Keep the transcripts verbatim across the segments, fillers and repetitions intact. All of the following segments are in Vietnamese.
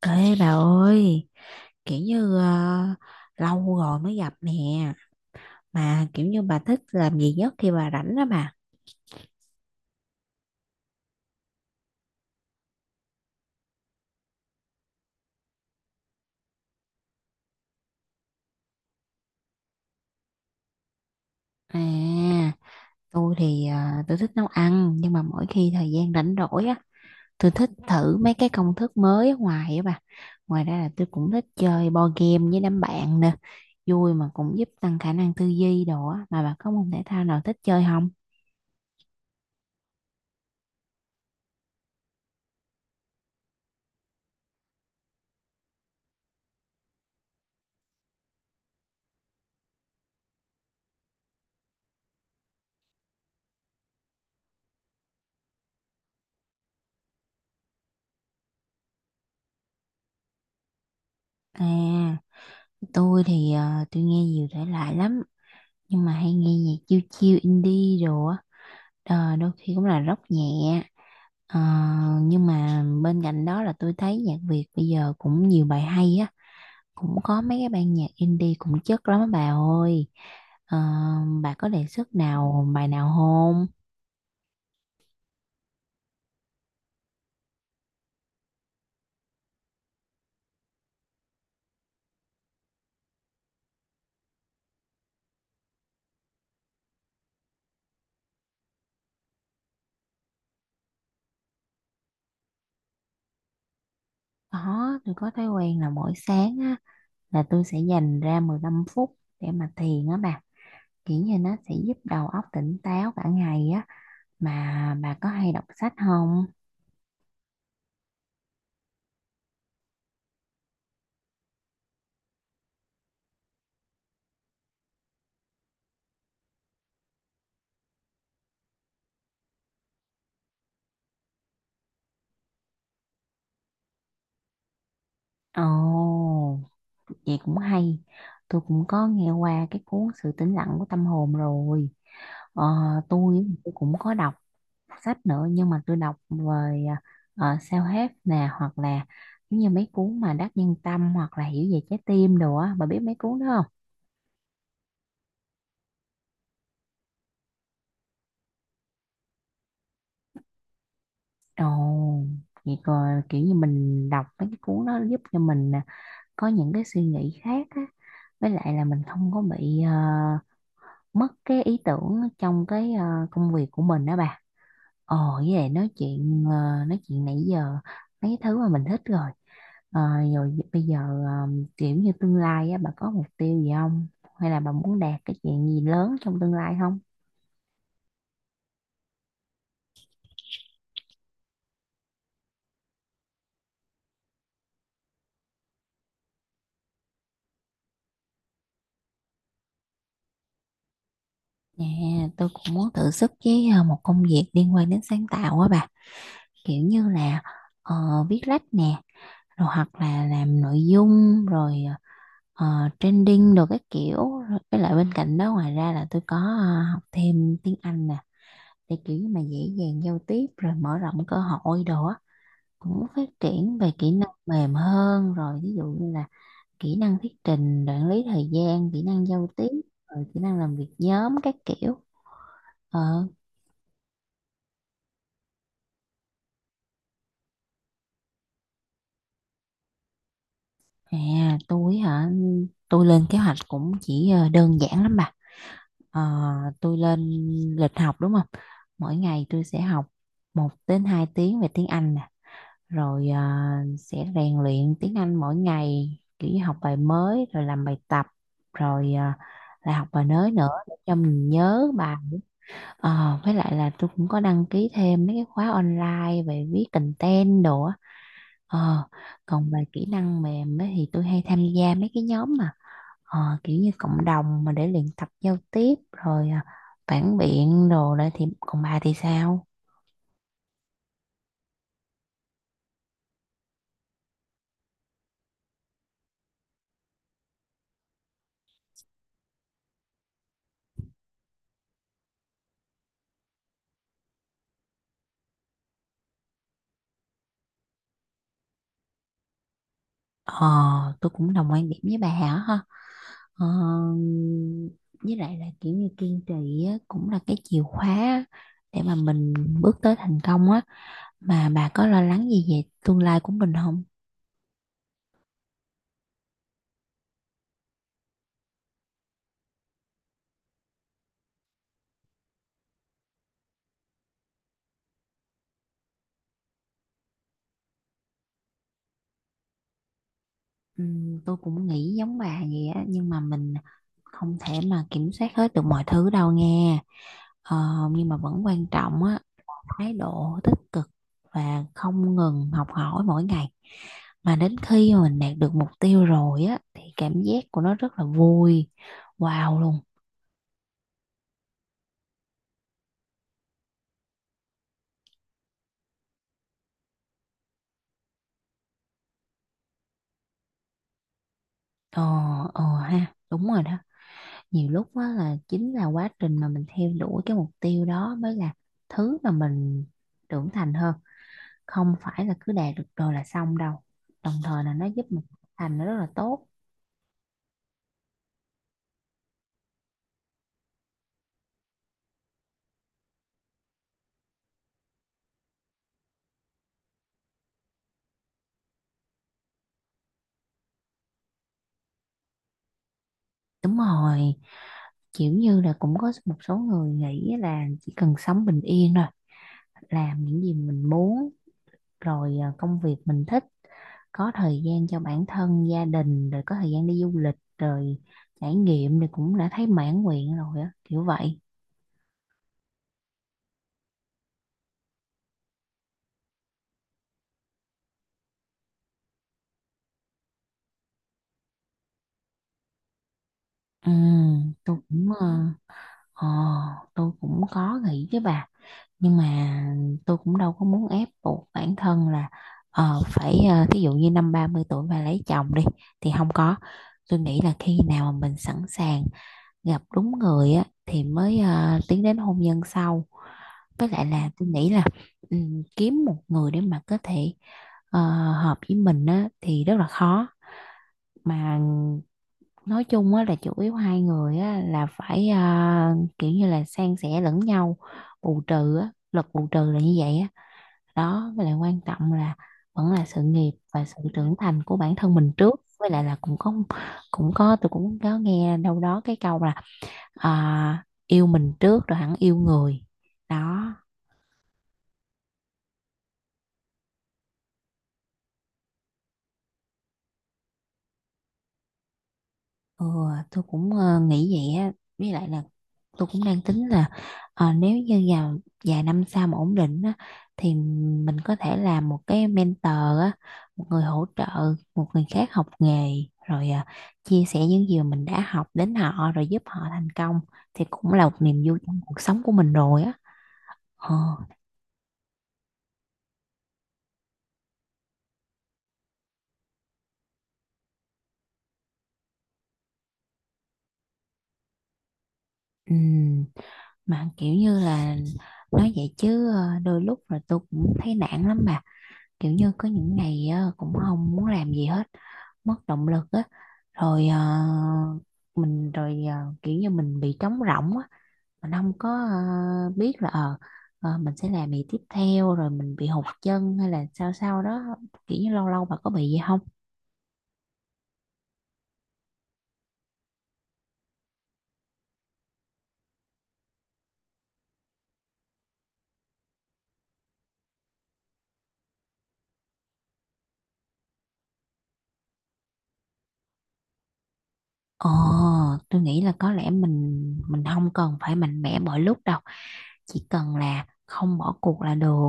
Ê bà ơi, kiểu như ờ, lâu rồi mới gặp nè, mà kiểu như bà thích làm gì nhất khi bà rảnh đó bà. À, tôi thì ờ, tôi thích nấu ăn, nhưng mà mỗi khi thời gian rảnh rỗi á, tôi thích thử mấy cái công thức mới ở ngoài á bà. Ngoài ra là tôi cũng thích chơi board game với đám bạn nè, vui mà cũng giúp tăng khả năng tư duy đồ á, mà bà có môn thể thao nào thích chơi không? À, tôi thì ờ, tôi nghe nhiều thể loại lắm nhưng mà hay nghe nhạc chill chill indie đồ á. Ờ, đôi khi cũng là rock nhẹ. Ờ, nhưng mà bên cạnh đó là tôi thấy nhạc Việt bây giờ cũng nhiều bài hay á, cũng có mấy cái ban nhạc indie cũng chất lắm á bà ơi. Ờ, bà có đề xuất nào bài nào không? Có, tôi có thói quen là mỗi sáng á, là tôi sẽ dành ra mười lăm phút để mà thiền á bà, kiểu như nó sẽ giúp đầu óc tỉnh táo cả ngày á. Mà bà có hay đọc sách không? Ồ, vậy cũng hay. Tôi cũng có nghe qua cái cuốn Sự tĩnh lặng của tâm hồn rồi. Ờ, tôi tôi cũng có đọc sách nữa, nhưng mà tôi đọc về ờ, self-help nè, hoặc là giống như mấy cuốn mà Đắc Nhân Tâm hoặc là Hiểu về trái tim đồ á. Bà biết mấy cuốn đó không? Ồ, vậy còn kiểu như mình đọc mấy cái cuốn đó giúp cho mình à, có những cái suy nghĩ khác á. Với lại là mình không có bị ờ, mất cái ý tưởng trong cái ờ, công việc của mình đó bà. Ồ, với lại nói chuyện ờ, nói chuyện nãy giờ mấy thứ mà mình thích rồi. Ờ, Rồi bây giờ ờ, kiểu như tương lai á, bà có mục tiêu gì không? Hay là bà muốn đạt cái chuyện gì lớn trong tương lai không? Dạ, tôi cũng muốn thử sức với ờ, một công việc liên quan đến sáng tạo á bà. Kiểu như là ờ, viết lách nè, rồi hoặc là làm nội dung, rồi ờ, trending, rồi các kiểu. Rồi với lại bên cạnh đó ngoài ra là tôi có ờ, học thêm tiếng Anh nè, để kiểu như mà dễ dàng giao tiếp rồi mở rộng cơ hội đó, cũng phát triển về kỹ năng mềm hơn. Rồi ví dụ như là kỹ năng thuyết trình, quản lý thời gian, kỹ năng giao tiếp, rồi kỹ năng làm việc nhóm các kiểu. ờ À, tôi hả? Tôi lên kế hoạch cũng chỉ ờ, đơn giản lắm bà. Ờ, tôi lên lịch học, đúng không, mỗi ngày tôi sẽ học một đến hai tiếng về tiếng Anh nè, rồi à, sẽ rèn luyện tiếng Anh mỗi ngày kiểu như học bài mới rồi làm bài tập, rồi à, lại học bài mới nữa để cho mình nhớ bài. Ờ, với lại là tôi cũng có đăng ký thêm mấy cái khóa online về viết content đồ á. Ờ, còn về kỹ năng mềm ấy, thì tôi hay tham gia mấy cái nhóm mà ờ, kiểu như cộng đồng mà để luyện tập giao tiếp rồi à, phản biện đồ đấy. Thì còn bà thì sao? ờ tôi cũng đồng quan điểm với bà hả. Ờ, với lại là kiểu như kiên trì á, cũng là cái chìa khóa để mà mình bước tới thành công á. Mà bà có lo lắng gì về tương lai của mình không? Ừm, tôi cũng nghĩ giống bà vậy á, nhưng mà mình không thể mà kiểm soát hết được mọi thứ đâu nghe. Ờ, nhưng mà vẫn quan trọng á, thái độ tích cực và không ngừng học hỏi mỗi ngày, mà đến khi mà mình đạt được mục tiêu rồi á thì cảm giác của nó rất là vui, wow luôn. Ờ, ờ ha, đúng rồi đó. Nhiều lúc á là chính là quá trình mà mình theo đuổi cái mục tiêu đó mới là thứ mà mình trưởng thành hơn. Không phải là cứ đạt được rồi là xong đâu. Đồng thời là nó giúp mình thành nó rất là tốt. Đúng rồi, kiểu như là cũng có một số người nghĩ là chỉ cần sống bình yên rồi, làm những gì mình muốn, rồi à, công việc mình thích, có thời gian cho bản thân gia đình, rồi có thời gian đi du lịch rồi trải nghiệm thì cũng đã thấy mãn nguyện rồi á kiểu vậy. Ừ, tôi cũng ờ, ờ, tôi cũng có nghĩ với bà, nhưng mà tôi cũng đâu có muốn ép buộc bản thân là ờ, phải ờ, thí dụ như năm ba mươi tuổi mà lấy chồng đi thì không có. Tôi nghĩ là khi nào mà mình sẵn sàng gặp đúng người á thì mới ờ, tiến đến hôn nhân sau. Với lại là tôi nghĩ là ừm, kiếm một người để mà có thể ờ, hợp với mình á, thì rất là khó. Mà nói chung á, là chủ yếu hai người á, là phải ờ, kiểu như là san sẻ lẫn nhau, bù trừ á, luật bù trừ là như vậy á đó. Với lại quan trọng là vẫn là sự nghiệp và sự trưởng thành của bản thân mình trước. Với lại là cũng có cũng có tôi cũng có nghe đâu đó cái câu là à, yêu mình trước rồi hẳn yêu người đó. Ừ, tôi cũng ờ, nghĩ vậy á. Với lại là tôi cũng đang tính là ờ, nếu như vào vài năm sau mà ổn định á, thì mình có thể làm một cái mentor á, một người hỗ trợ một người khác học nghề, rồi ờ, chia sẻ những gì mà mình đã học đến họ rồi giúp họ thành công thì cũng là một niềm vui trong cuộc sống của mình rồi á. ờ, ừm, mà kiểu như là nói vậy chứ ờ, đôi lúc là tôi cũng thấy nản lắm. Mà kiểu như có những ngày ờ, cũng không muốn làm gì hết, mất động lực á. Rồi ờ, mình rồi ờ, Kiểu như mình bị trống rỗng á, mình không có ờ, biết là ờ ờ, mình sẽ làm gì tiếp theo, rồi mình bị hụt chân hay là sao sao đó. Kiểu như lâu lâu bà có bị gì không? Ồ, tôi nghĩ là có lẽ mình mình không cần phải mạnh mẽ mọi lúc đâu. Chỉ cần là không bỏ cuộc là được.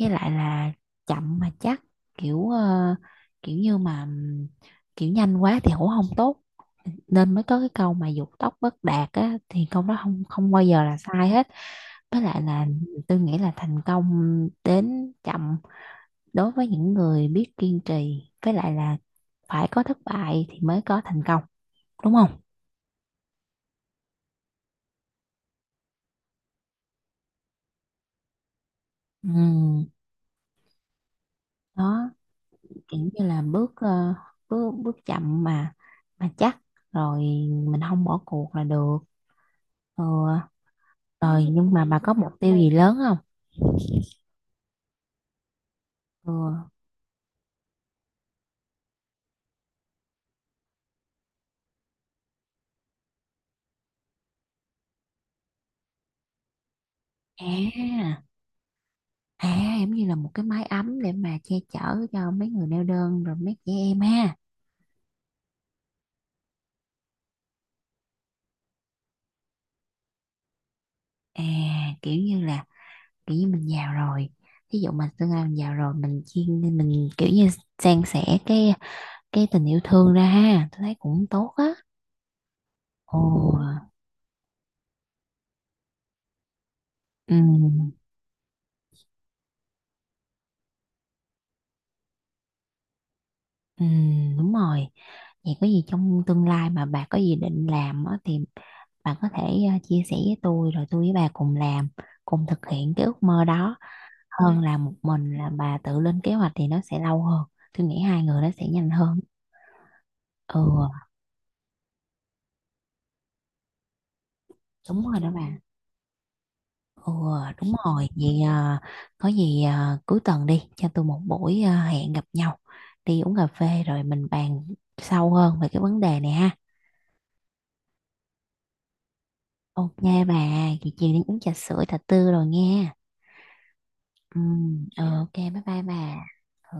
Với lại là chậm mà chắc, kiểu ờ, kiểu như mà ừm, kiểu nhanh quá thì cũng không tốt. Nên mới có cái câu mà dục tốc bất đạt á, thì câu đó không, không bao giờ là sai hết. Với lại là tôi nghĩ là thành công đến chậm đối với những người biết kiên trì, với lại là phải có thất bại thì mới có thành công, đúng không? Ừ, đó, kiểu như là bước ờ, bước bước chậm mà mà chắc rồi, mình không bỏ cuộc là được. Ừ, rồi nhưng mà bà có mục tiêu gì lớn không? Ừ. À, à giống như là một cái mái ấm để mà che chở cho mấy người neo đơn rồi mấy trẻ em ha. À, kiểu như là kiểu như mình giàu rồi, ví dụ mà tương lai mình giàu rồi mình chuyên mình kiểu như san sẻ cái cái tình yêu thương ra ha, tôi thấy cũng tốt á. Ồ. Ừ. Ừ, đúng rồi. Vậy có gì trong tương lai mà bà có gì định làm á, thì bà có thể ờ, chia sẻ với tôi rồi tôi với bà cùng làm, cùng thực hiện cái ước mơ đó. Ừ, hơn là một mình là bà tự lên kế hoạch thì nó sẽ lâu hơn. Tôi nghĩ hai người nó sẽ nhanh hơn. Ừ, đúng rồi đó bà. Ừ, đúng rồi. Vậy ờ, có gì ờ, cuối tuần đi, cho tôi một buổi ờ, hẹn gặp nhau, đi uống cà phê rồi mình bàn sâu hơn về cái vấn đề này ha. Ok bà, chị chiều đi uống trà sữa, trà tư rồi nghe. Ừ, ờ, ok bye bye bà. Ờ.